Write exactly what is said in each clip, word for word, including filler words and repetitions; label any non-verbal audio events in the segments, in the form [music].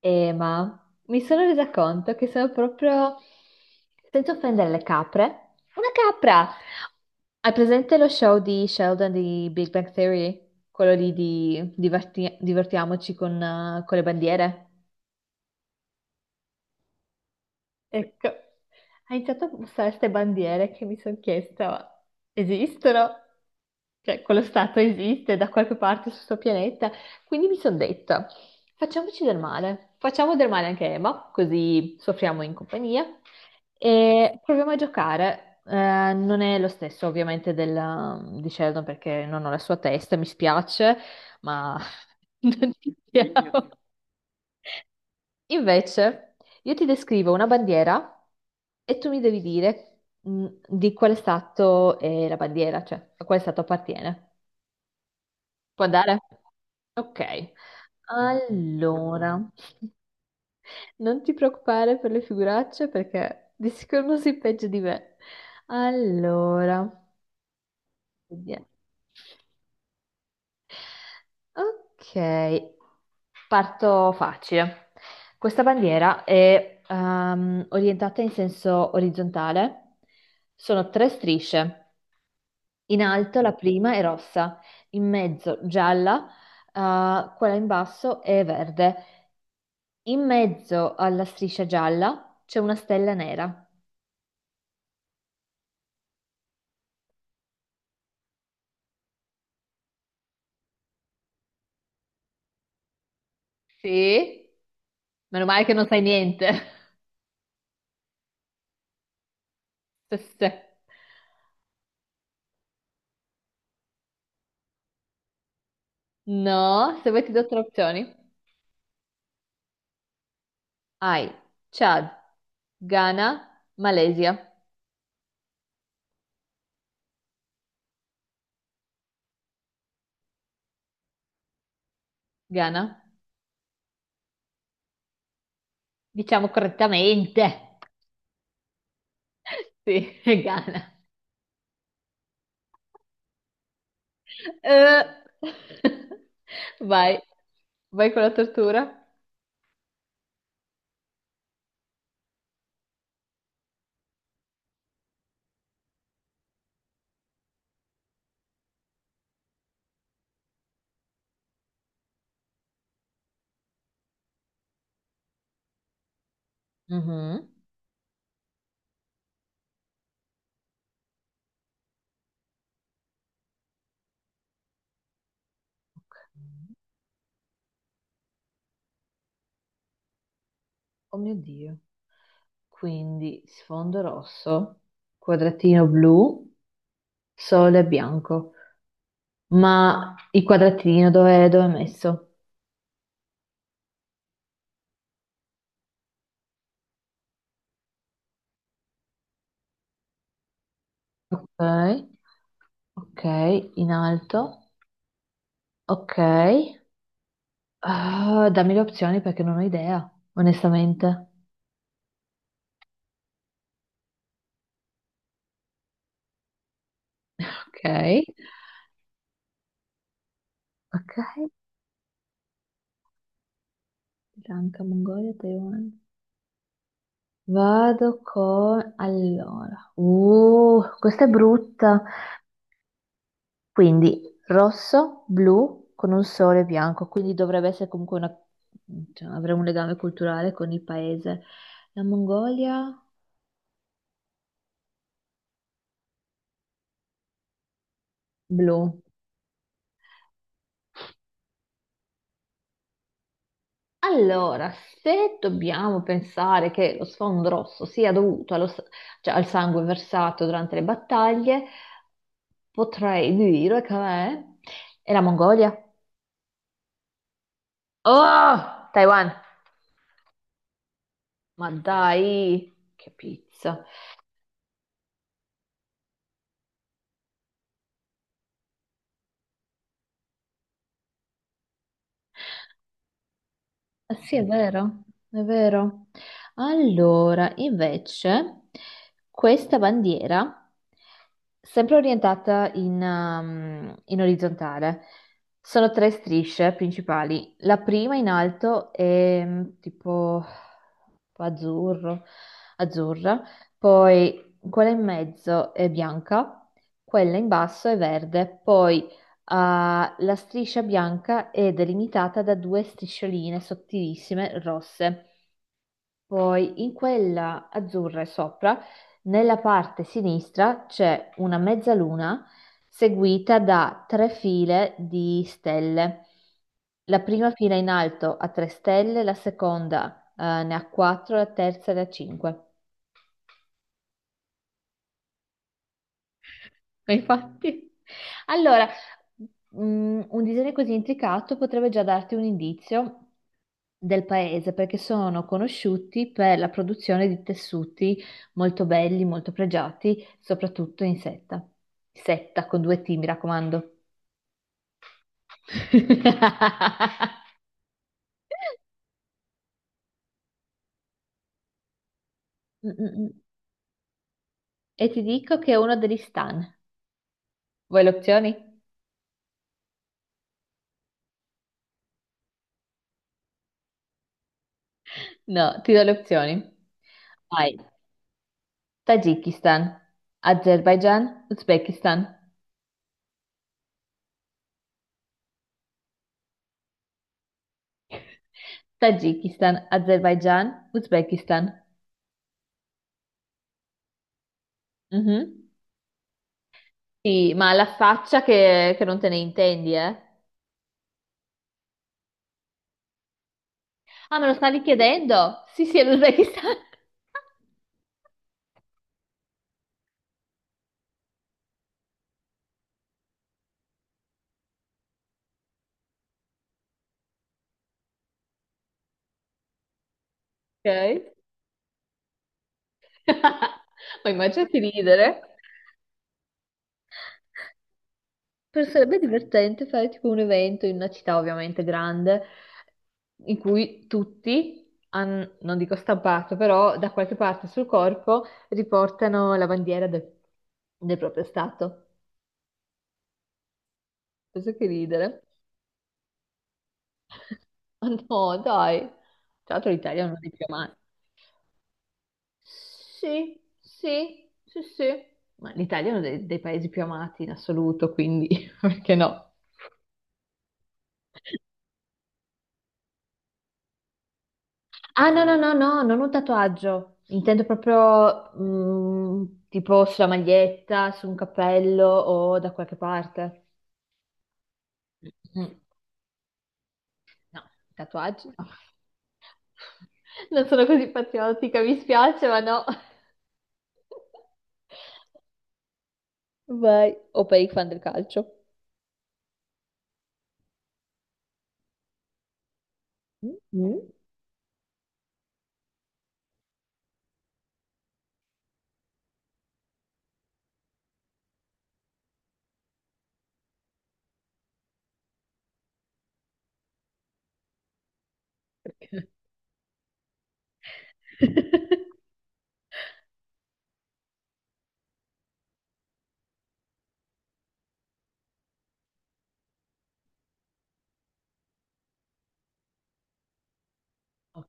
Eh, ma mi sono resa conto che sono proprio, senza offendere le capre, una capra. Hai presente lo show di Sheldon di Big Bang Theory? Quello lì di diverti- divertiamoci con, eh, con le bandiere? Ecco, ha iniziato a mostrare queste bandiere che mi sono chiesta, ma esistono? Cioè, quello stato esiste da qualche parte sul suo pianeta. Quindi mi sono detta, facciamoci del male. Facciamo del male anche a Emma, così soffriamo in compagnia. E proviamo a giocare. Eh, non è lo stesso ovviamente del, di Sheldon perché non ho la sua testa, mi spiace, ma [laughs] non ci siamo. Invece, io ti descrivo una bandiera e tu mi devi dire mh, di quale stato è la bandiera, cioè a quale stato appartiene. Può andare? Ok. Allora, non ti preoccupare per le figuracce perché di sicuro non sei peggio di me. Allora, vediamo. ok, parto facile. Questa bandiera è ehm, orientata in senso orizzontale. Sono tre strisce. In alto la prima è rossa, in mezzo gialla, eh, quella in basso è verde. In mezzo alla striscia gialla c'è una stella nera. Sì? Meno male che non sai niente. [laughs] Se- se. No, se vuoi ti do tre opzioni. Hai Chad, Ghana, Malesia. Ghana. Diciamo correttamente. [laughs] Sì, è Ghana. Eh. [laughs] Vai. Vai con la tortura. Mhm. Ok. Oh mio Dio. Quindi sfondo rosso, quadratino blu, sole bianco. Ma il quadratino dove, dove è messo? Ok, ok, in alto. Ok. Ah, dammi le opzioni perché non ho idea, onestamente. Ok, ok. Sri Lanka, Mongolia, Taiwan. Vado con... Allora. Uh, questa è brutta. Quindi rosso, blu con un sole bianco, quindi dovrebbe essere comunque una... cioè, avere un legame culturale con il paese. La Mongolia, blu. Allora, se dobbiamo pensare che lo sfondo rosso sia dovuto allo s- cioè, al sangue versato durante le battaglie, potrei dire che è, è la Mongolia. Oh, Taiwan! Ma dai, che pizza! Eh sì, è vero, è vero. Allora, invece, questa bandiera, sempre orientata in, um, in orizzontale, sono tre strisce principali. La prima in alto è mm, tipo azzurro, azzurra, poi quella in mezzo è bianca, quella in basso è verde, poi Ah, la striscia bianca è delimitata da due striscioline sottilissime rosse. Poi in quella azzurra sopra, nella parte sinistra, c'è una mezzaluna seguita da tre file di stelle. La prima fila in alto ha tre stelle, la seconda, eh, ne ha quattro, la terza ne ha cinque. Ma Infatti, allora, mm, un disegno così intricato potrebbe già darti un indizio del paese perché sono conosciuti per la produzione di tessuti molto belli, molto pregiati, soprattutto in setta. Setta con due T, mi raccomando. [laughs] Mm, mm, mm. E ti dico che è uno degli stan. Vuoi le opzioni? No, ti do le opzioni. Vai. Tagikistan, Azerbaijan, Uzbekistan. [laughs] Tagikistan, Azerbaijan, Uzbekistan. Mhm. Sì, ma la faccia che, che non te ne intendi, eh? Ah, me lo stavi chiedendo? Sì, sì, è l'Uzbekistan. [laughs] Ok. [laughs] Ma immaginati ridere. Però sarebbe divertente fare tipo un evento in una città ovviamente grande, in cui tutti, han- non dico stampato, però da qualche parte sul corpo riportano la bandiera del, del proprio stato. Penso che ridere. [laughs] Ma no, dai. Tra l'altro l'Italia non è più male. Sì, sì, sì, sì. Ma l'Italia è uno dei, dei paesi più amati in assoluto, quindi [laughs] perché no? Ah, no, no, no, no, non un tatuaggio. Intendo proprio mm, tipo sulla maglietta, su un cappello o da qualche parte. Mm, No, tatuaggi no. [laughs] Non sono così patriottica, mi spiace, ma no. Vai, o per i fan del calcio. Mm, mm. [laughs] Ok.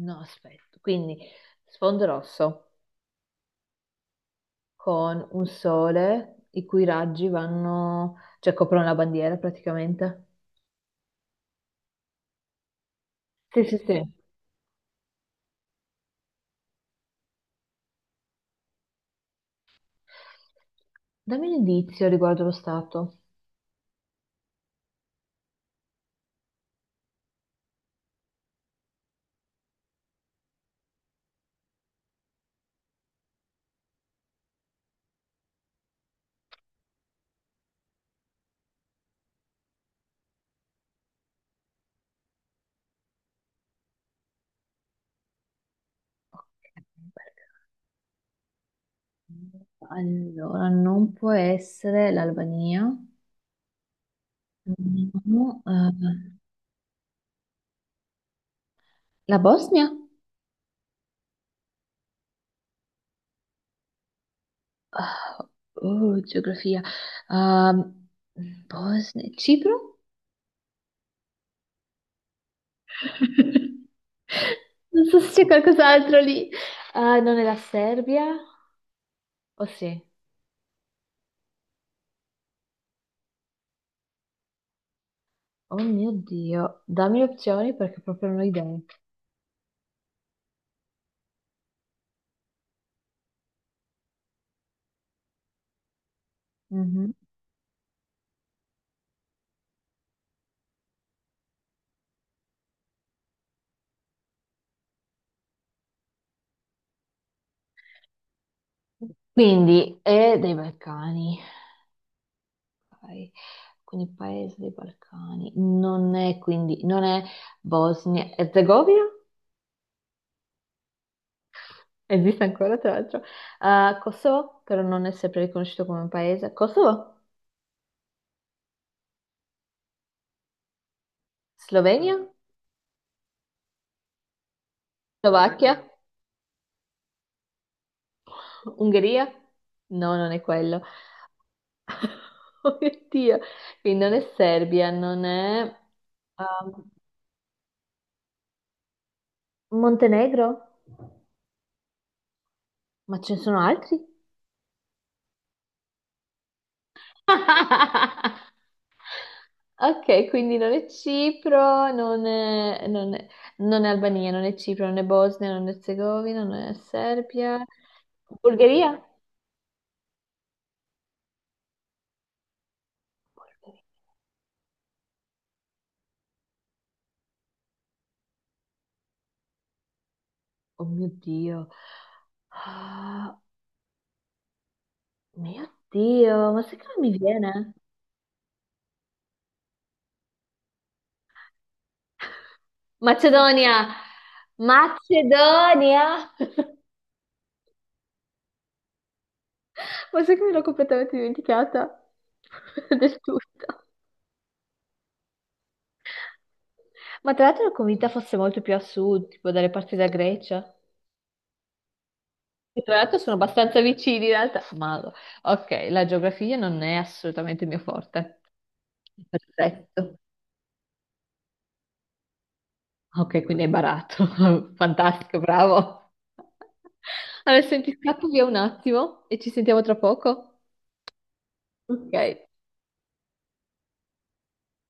No, aspetto. Quindi sfondo rosso con un sole i cui raggi vanno, cioè coprono la bandiera praticamente. Sì, sì, sì. Dammi un indizio riguardo lo stato. Ok, perché- Allora, non può essere l'Albania, No, eh, la Bosnia? Ah, Oh, geografia. Ehm, Bosnia, Cipro? [laughs] Non so se c'è qualcos'altro lì. Ah, non è la Serbia? O sì? Oh mio Dio, dammi opzioni perché proprio non ho idee. Mhm. Quindi è dei Balcani. Ok. Quindi paese dei Balcani. Non è quindi, non è Bosnia e Herzegovina? Esiste ancora, tra l'altro. Ah, Kosovo, però non è sempre riconosciuto come un paese. Kosovo? Slovenia? Slovacchia? Ungheria? No, non è quello. [laughs] Oh mio Dio, quindi non è Serbia, non è ehm, Montenegro? Ma ce ne sono altri? [laughs] Ok, quindi non è Cipro, non è, non è- non è Albania, non è Cipro, non è Bosnia, non è Erzegovina, non è Serbia. Bulgaria? Bulgaria. Oh mio Dio. Ah, mio Dio, ma sai che non mi viene? Macedonia! Macedonia! [laughs] Ma sai che me l'ho completamente dimenticata [laughs] del tutto. Ma tra l'altro ero convinta fosse molto più a sud, tipo dalle parti della Grecia. E tra l'altro sono abbastanza vicini in realtà. Ma ok, la geografia non è assolutamente il mio forte. Perfetto. Ok, quindi hai barato. [laughs] Fantastico, bravo. Allora, senti, scappo via un attimo e ci sentiamo tra poco. Ok.